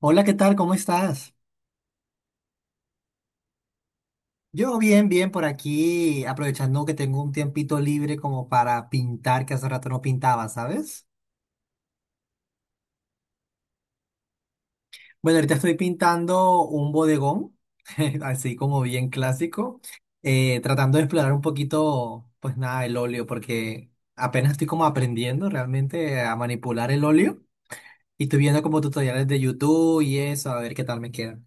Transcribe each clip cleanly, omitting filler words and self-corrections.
Hola, ¿qué tal? ¿Cómo estás? Yo bien, bien por aquí, aprovechando que tengo un tiempito libre como para pintar, que hace rato no pintaba, ¿sabes? Bueno, ahorita estoy pintando un bodegón, así como bien clásico, tratando de explorar un poquito, pues nada, el óleo, porque apenas estoy como aprendiendo realmente a manipular el óleo y estoy viendo como tutoriales de YouTube y eso, a ver qué tal me queda.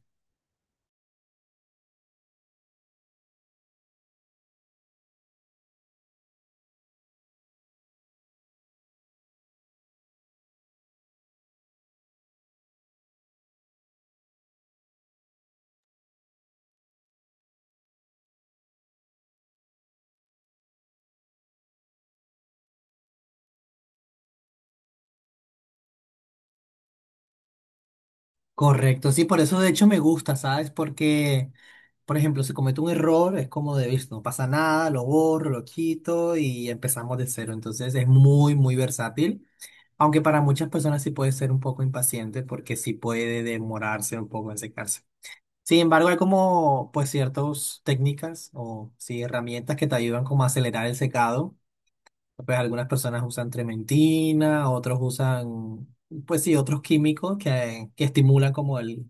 Correcto, sí, por eso de hecho me gusta, ¿sabes? Porque, por ejemplo, si cometo un error, es como de, "Vis, no pasa nada, lo borro, lo quito y empezamos de cero". Entonces es muy, muy versátil, aunque para muchas personas sí puede ser un poco impaciente porque sí puede demorarse un poco en secarse. Sin embargo, hay como, pues, ciertas técnicas o sí, herramientas que te ayudan como a acelerar el secado. Pues algunas personas usan trementina, otros usan... Pues sí, otros químicos que estimulan como el,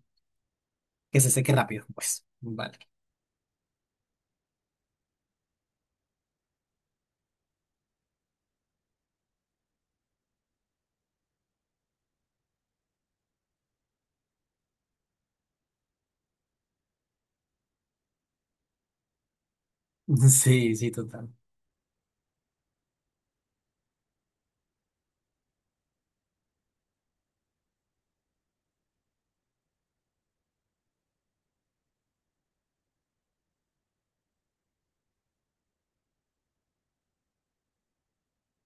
que se seque rápido, pues. Vale. Sí, sí, total.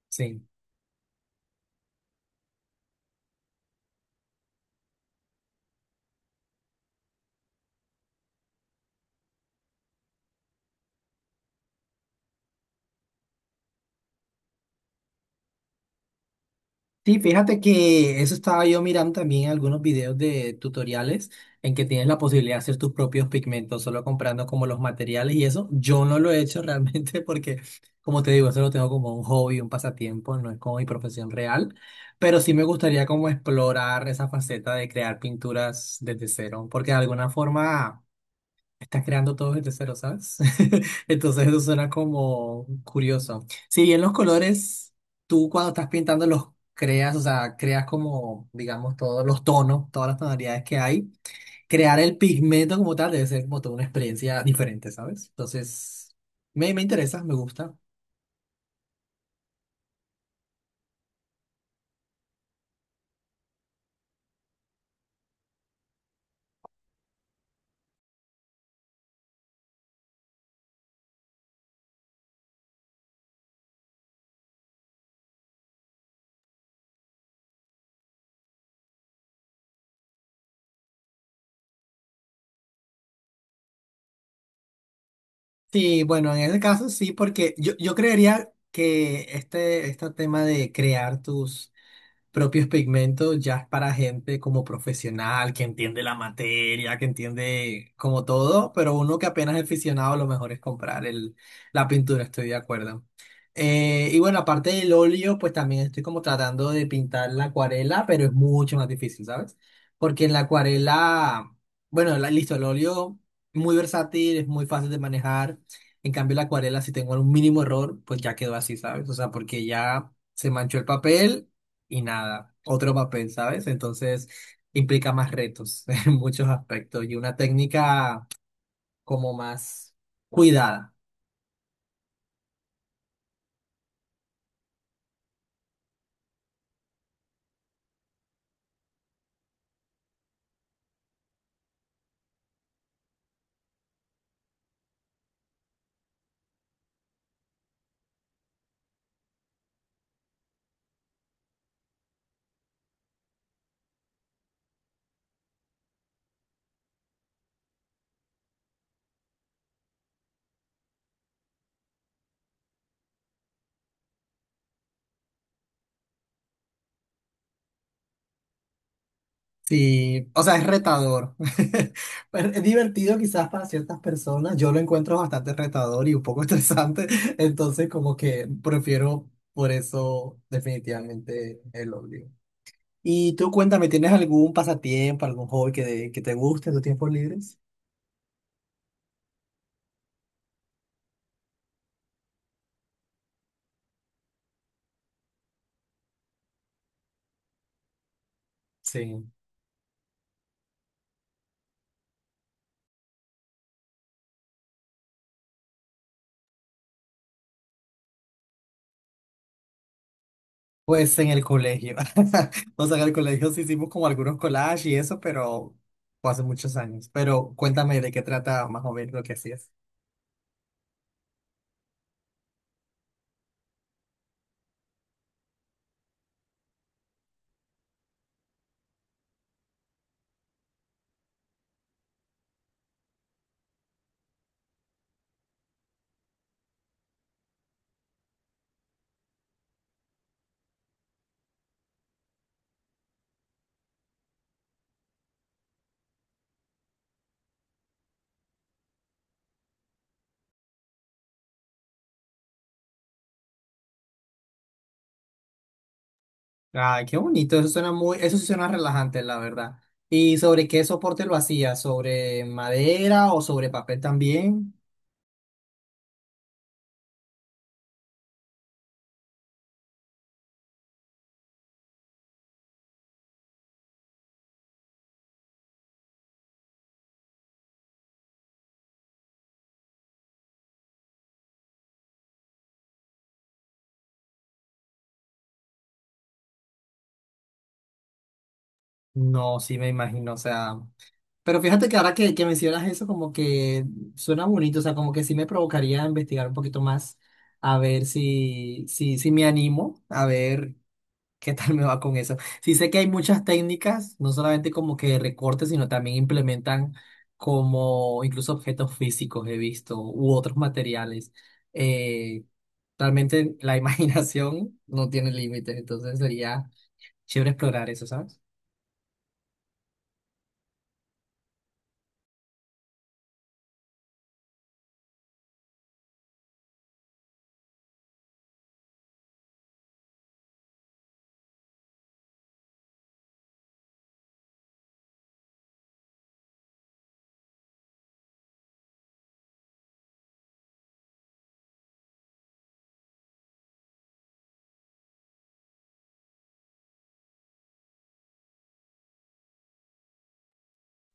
Sí. Sí, fíjate que eso estaba yo mirando también algunos videos de tutoriales en que tienes la posibilidad de hacer tus propios pigmentos, solo comprando como los materiales y eso. Yo no lo he hecho realmente porque, como te digo, eso lo tengo como un hobby, un pasatiempo, no es como mi profesión real, pero sí me gustaría como explorar esa faceta de crear pinturas desde cero, porque de alguna forma... Estás creando todo desde cero, ¿sabes? Entonces eso suena como curioso. Si bien los colores, tú cuando estás pintando los creas, o sea, creas como, digamos, todos los tonos, todas las tonalidades que hay, crear el pigmento como tal debe ser como toda una experiencia diferente, ¿sabes? Entonces, me interesa, me gusta. Sí, bueno, en ese caso sí, porque yo creería que este tema de crear tus propios pigmentos ya es para gente como profesional, que entiende la materia, que entiende como todo, pero uno que apenas es aficionado, lo mejor es comprar el, la pintura, estoy de acuerdo. Y bueno, aparte del óleo, pues también estoy como tratando de pintar la acuarela, pero es mucho más difícil, ¿sabes? Porque en la acuarela, bueno, listo, el óleo muy versátil, es muy fácil de manejar. En cambio, la acuarela, si tengo un mínimo error, pues ya quedó así, ¿sabes? O sea, porque ya se manchó el papel y nada, otro papel, ¿sabes? Entonces implica más retos en muchos aspectos y una técnica como más cuidada. Sí, o sea, es retador. Pero es divertido quizás para ciertas personas. Yo lo encuentro bastante retador y un poco estresante, entonces como que prefiero por eso definitivamente el odio. Y tú cuéntame, ¿tienes algún pasatiempo, algún hobby que te guste en tus tiempos libres? Sí. Pues en el colegio. O sea, en el colegio sí hicimos como algunos collages y eso, pero fue hace muchos años. Pero cuéntame de qué trata más o menos lo que hacías. Ay, qué bonito, eso suena muy, eso sí suena relajante, la verdad. ¿Y sobre qué soporte lo hacías? ¿Sobre madera o sobre papel también? No, sí me imagino, o sea. Pero fíjate que ahora que mencionas eso, como que suena bonito, o sea, como que sí me provocaría investigar un poquito más, a ver si me animo, a ver. ¿Qué tal me va con eso? Sí sé que hay muchas técnicas, no solamente como que recortes, sino también implementan como incluso objetos físicos he visto u otros materiales. Eh, Realmente la imaginación no tiene límites, entonces sería chévere explorar eso, ¿sabes?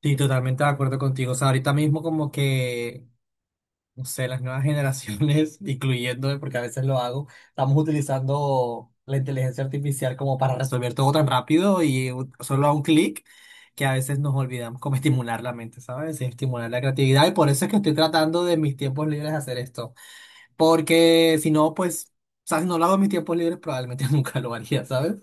Sí, totalmente de acuerdo contigo. O sea, ahorita mismo como que no sé, las nuevas generaciones, incluyéndome, porque a veces lo hago, estamos utilizando la inteligencia artificial como para resolver todo tan rápido y solo a un clic, que a veces nos olvidamos como estimular la mente, ¿sabes? Y estimular la creatividad. Y por eso es que estoy tratando de mis tiempos libres hacer esto. Porque si no, pues, o sea, si no lo hago en mis tiempos libres, probablemente nunca lo haría, ¿sabes?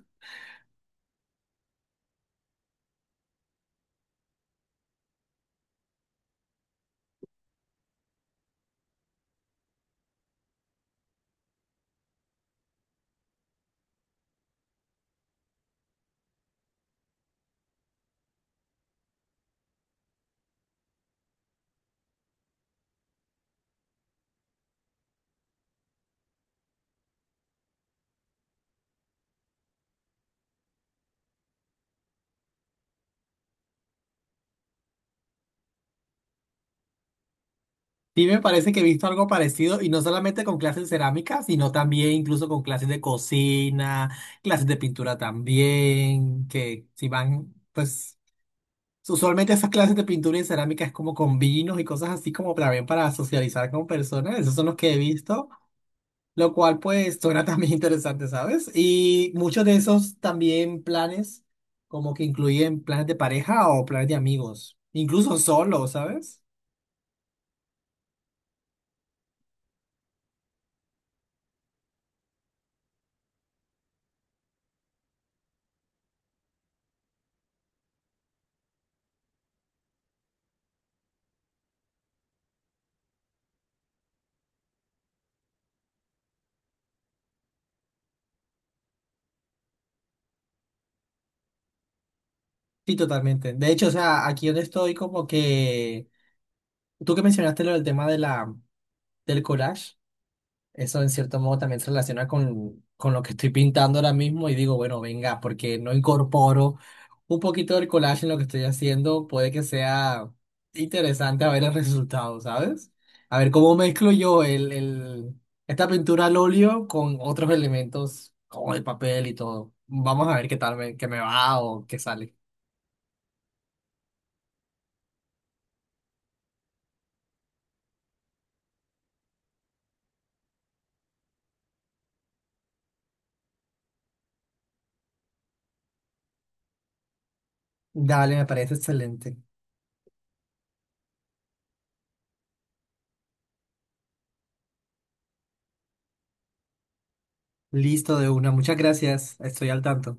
Sí, me parece que he visto algo parecido y no solamente con clases de cerámica, sino también incluso con clases de cocina, clases de pintura también, que si van, pues usualmente esas clases de pintura y cerámica es como con vinos y cosas así como también para socializar con personas, esos son los que he visto, lo cual pues suena también interesante, ¿sabes? Y muchos de esos también planes como que incluyen planes de pareja o planes de amigos, incluso solo, ¿sabes? Sí, totalmente. De hecho, o sea, aquí donde estoy, como que tú que mencionaste lo del tema de la, del collage, eso en cierto modo también se relaciona con lo que estoy pintando ahora mismo y digo, bueno, venga, porque no incorporo un poquito del collage en lo que estoy haciendo, puede que sea interesante a ver el resultado, ¿sabes? A ver cómo mezclo yo el, esta pintura al óleo con otros elementos como el papel y todo. Vamos a ver qué tal me, qué me va o qué sale. Dale, me parece excelente. Listo de una. Muchas gracias. Estoy al tanto.